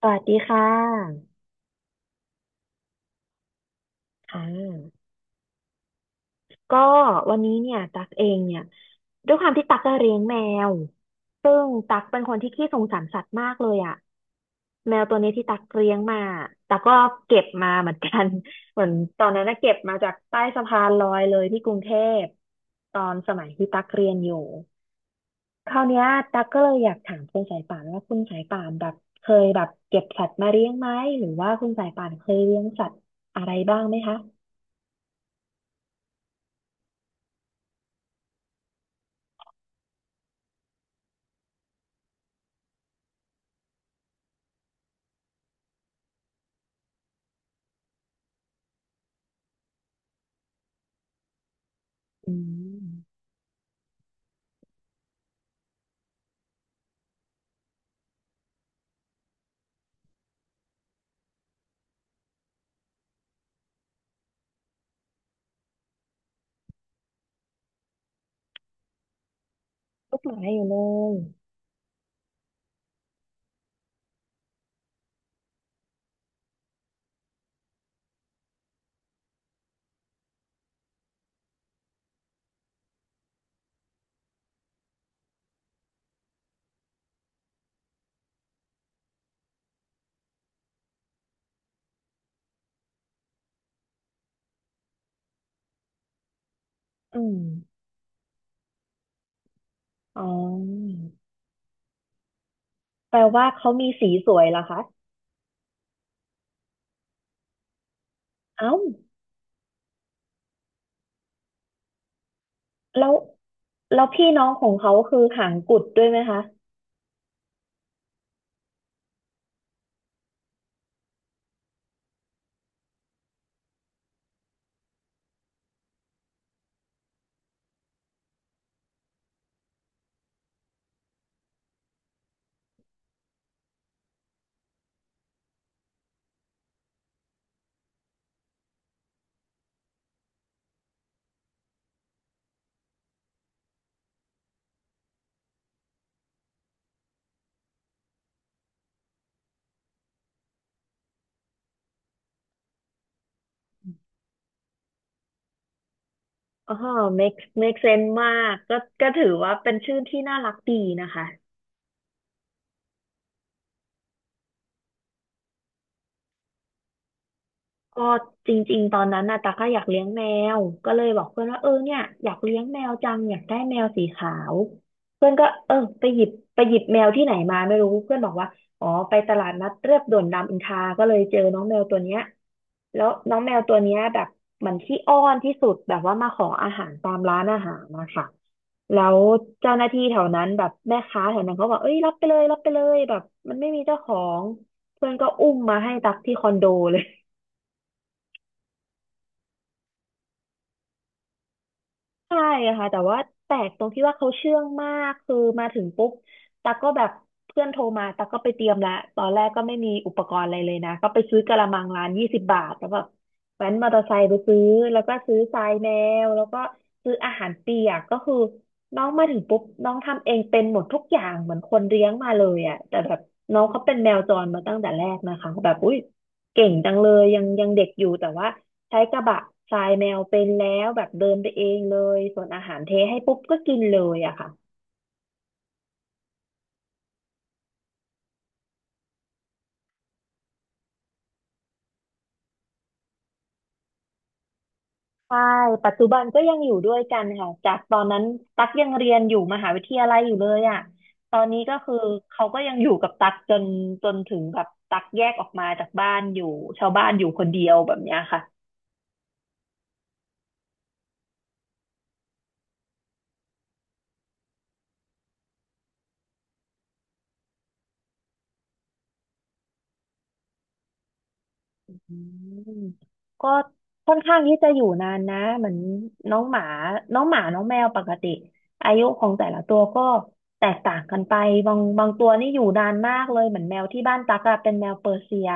สวัสดีค่ะค่ะก็วันนี้เนี่ยตักเองเนี่ยด้วยความที่ตักก็เลี้ยงแมวซึ่งตักเป็นคนที่ขี้สงสารสัตว์มากเลยอ่ะแมวตัวนี้ที่ตักเลี้ยงมาตักก็เก็บมาเหมือนกัน เหมือนตอนนั้นนะเก็บมาจากใต้สะพานลอยเลยที่กรุงเทพตอนสมัยที่ตักเรียนอยู่คราวเนี้ยตักก็เลยอยากถามคุณสายป่านว่าคุณสายป่านแบบเคยแบบเก็บสัตว์มาเลี้ยงไหมหรือว่าคุณสายป่านเคยเลี้ยงสัตว์อะไรบ้างไหมคะ อืมลูกหมาอยู่เลยอืม อ๋อแปลว่าเขามีสีสวยเหรอคะเอ้าแล้ว แล้วพี่น้องของเขาคือหางกุดด้วยไหมคะอ๋อ make make sense มากก็ก็ถือว่าเป็นชื่อที่น่ารักดีนะคะ ก็จริงๆตอนนั้นน่ะตาก็อยากเลี้ยงแมวก็เลยบอกเพื่อนว่าเออเนี่ยอยากเลี้ยงแมวจังอยากได้แมวสีขาวเพื่อนก็เออไปหยิบแมวที่ไหนมาไม่รู้เพื่อนบอกว่าอ๋อไปตลาดนัดเรียบด่วนรามอินทราก็เลยเจอน้องแมวตัวเนี้ยแล้วน้องแมวตัวเนี้ยแบบเหมือนขี้อ้อนที่สุดแบบว่ามาขออาหารตามร้านอาหารนะคะแล้วเจ้าหน้าที่แถวนั้นแบบแม่ค้าแถวนั้นเขาบอกเอ้ยรับไปเลยรับไปเลยแบบมันไม่มีเจ้าของเพื่อนก็อุ้มมาให้ตักที่คอนโดเลย ใช่ค่ะแต่ว่าแปลกตรงที่ว่าเขาเชื่องมากคือมาถึงปุ๊บตากก็แบบเพื่อนโทรมาตากก็ไปเตรียมและตอนแรกก็ไม่มีอุปกรณ์อะไรเลยนะก็ไปซื้อกะละมังร้านยี่สิบบาทแล้วแบบแว้นมอเตอร์ไซค์ไปซื้อแล้วก็ซื้อทรายแมวแล้วก็ซื้ออาหารเปียกก็คือน้องมาถึงปุ๊บน้องทำเองเป็นหมดทุกอย่างเหมือนคนเลี้ยงมาเลยอ่ะแต่แบบน้องเขาเป็นแมวจรมาตั้งแต่แรกนะคะแบบอุ้ยเก่งจังเลยยังยังเด็กอยู่แต่ว่า ใช้กระบะทรายแมวเป็นแล้วแบบเดินไปเองเลยส่วนอาหารเทให้ปุ๊บก็กินเลยอะค่ะใช่ปัจจุบันก็ยังอยู่ด้วยกันค่ะจากตอนนั้นตักยังเรียนอยู่มหาวิทยาลัยอยู่เลยอะตอนนี้ก็เขาก็ยังอยู่กับตักจนถึงแบบตักแยกออกมาจากบ้านอยู่ชาวบ้านอยู่คนเดียวแบบเนี้ยค่ะ อืมก็ค่อนข้างที่จะอยู่นานนะเหมือนน้องหมาน้องหมาน้องแมวปกติอายุของแต่ละตัวก็แตกต่างกันไปบางตัวนี่อยู่นานมากเลยเหมือนแมวที่บ้านตั๊กอะเป็นแมวเปอร์เซีย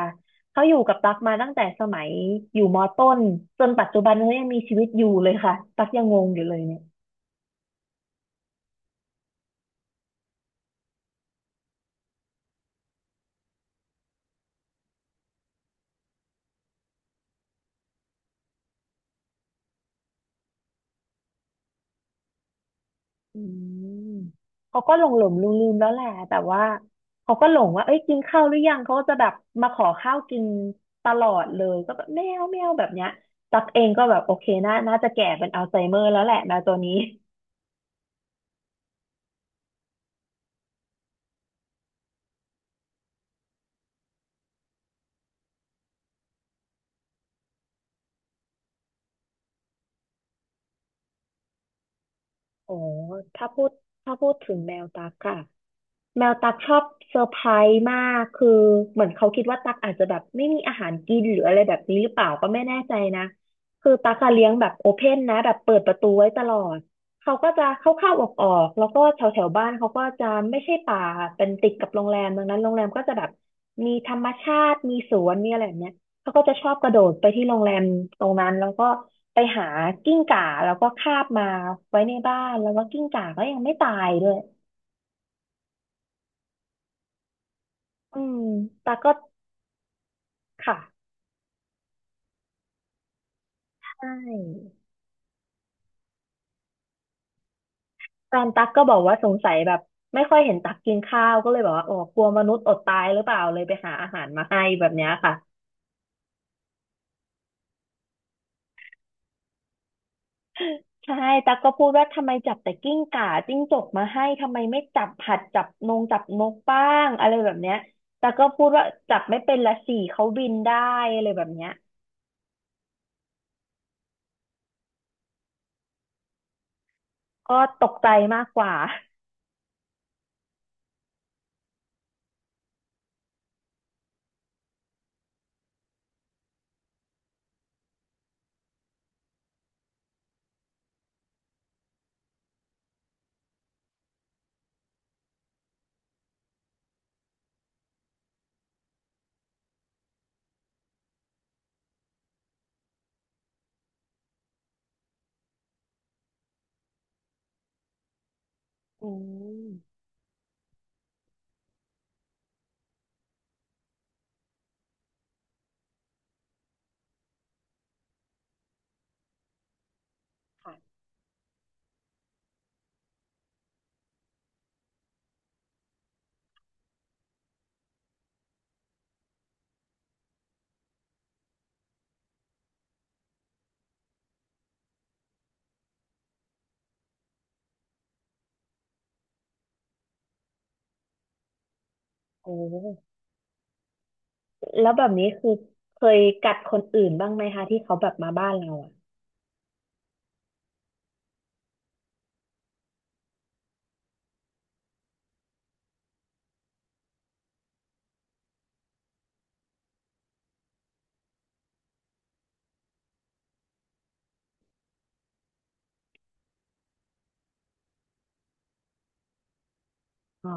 เขาอยู่กับตั๊กมาตั้งแต่สมัยอยู่มอต้นจนปัจจุบันเขายังมีชีวิตอยู่เลยค่ะตั๊กยังงงอยู่เลยเนี่ย อืมเขาก็หลงลืมลืมๆแล้วแหละแต่ว่าเขาก็หลงว่าเอ้ยกินข้าวหรือยังเขาก็จะแบบมาขอข้าวกินตลอดเลยก็แบบแมวแมวแบบเนี้ยตักเองก็แบบโอเคน่าน่าจะแก่เป็นอัลไซเมอร์แล้วแหละแมวตัวนี้โอ้ถ้าพูดถ้าพูดถึงแมวตักค่ะ แมวตักชอบเซอร์ไพรส์มากคือเหมือนเขาคิดว่าตักอาจจะแบบไม่มีอาหารกินหรืออะไรแบบนี้หรือเปล่าก็ไม่แน่ใจนะคือตักอะเลี้ยงแบบโอเพ่นนะแบบเปิดประตูไว้ตลอดเขาก็จะเข้าเข้าออกออกๆแล้วก็แถวแถวบ้านเขาก็จะไม่ใช่ป่าเป็นติดกับโรงแรมดังนั้นโรงแรมก็จะแบบมีธรรมชาติมีสวนมีอะไรแบบเนี้ยเขาก็จะชอบกระโดดไปที่โรงแรมตรงนั้นแล้วก็ไปหากิ้งก่าแล้วก็คาบมาไว้ในบ้านแล้วก็กิ้งก่าก็ยังไม่ตายด้วยอืมตาก็ ค่ะใช่ตอนตักก็บอกว่าสงสัยแบบไม่ค่อยเห็นตักกินข้าวก็เลยบอกว่าอ๋อกลัวมนุษย์อดตายหรือเปล่าเลยไปหาอาหารมาให้แบบเนี้ยค่ะใช่ตักก็พูดว่าทำไมจับแต่กิ้งก่าจิ้งจกมาให้ทำไมไม่จับหัดจับนงจับนกบ้างอะไรแบบเนี้ยตักก็พูดว่าจับไม่เป็นละสี่เขาบินได้อะไรแบบเนี้ยก็ตกใจมากกว่าอืมค่ะโอ้แล้วแบบนี้คือเคยกัดคนอื่นบ้างไหมคะที่เขาแบบมาบ้านเราอ่ะอ๋อ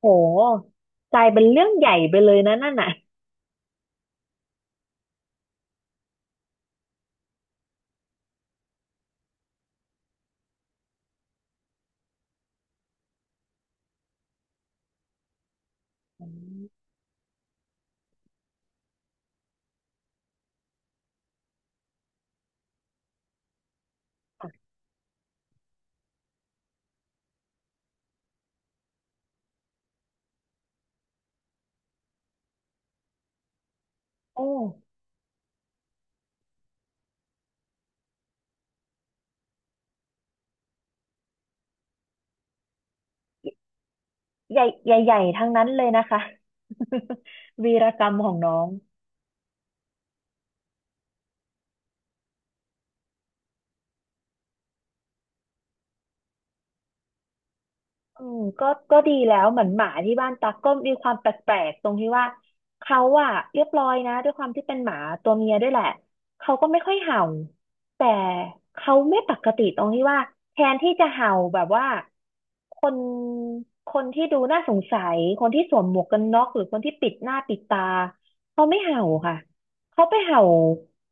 โหกลายเป็นเรื่องใหญ่ไปเลยนะนั่นน่ะอืมโอ้ใหญ่ใหญ่ๆทั้งนั้นเลยนะคะ วีรกรรมของน้อง อืมก็ก็ดีแล้วเหมือนหมาที่บ้านตักก็มีความแปลกๆตรงที่ว่าเขาอะเรียบร้อยนะด้วยความที่เป็นหมาตัวเมียด้วยแหละเขาก็ไม่ค่อยเห่าแต่เขาไม่ปกติตรงที่ว่าแทนที่จะเห่าแบบว่าคนคนที่ดูน่าสงสัยคนที่สวมหมวกกันน็อกหรือคนที่ปิดหน้าปิดตาเขาไม่เห่าค่ะเขาไปเห่า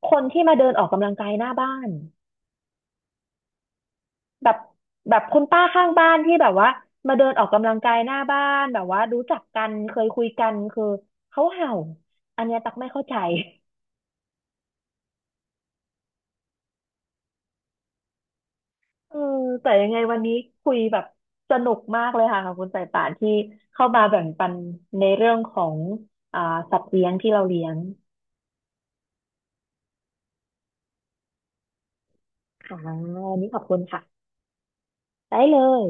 คนที่มาเดินออกกำลังกายหน้าบ้าน แบบแบบคุณป้าข้างบ้านที่แบบว่ามาเดินออกกำลังกายหน้าบ้านแบบว่ารู้จักกันเคยคุยกันคือเขาเห่าอันเนี้ยตักไม่เข้าใจเออแต่ยังไงวันนี้คุยแบบสนุกมากเลยค่ะขอบคุณสายป่านที่เข้ามาแบ่งปันในเรื่องของอ่าสัตว์เลี้ยงที่เราเลี้ยงค่ะวันนี้ขอบคุณค่ะได้เลย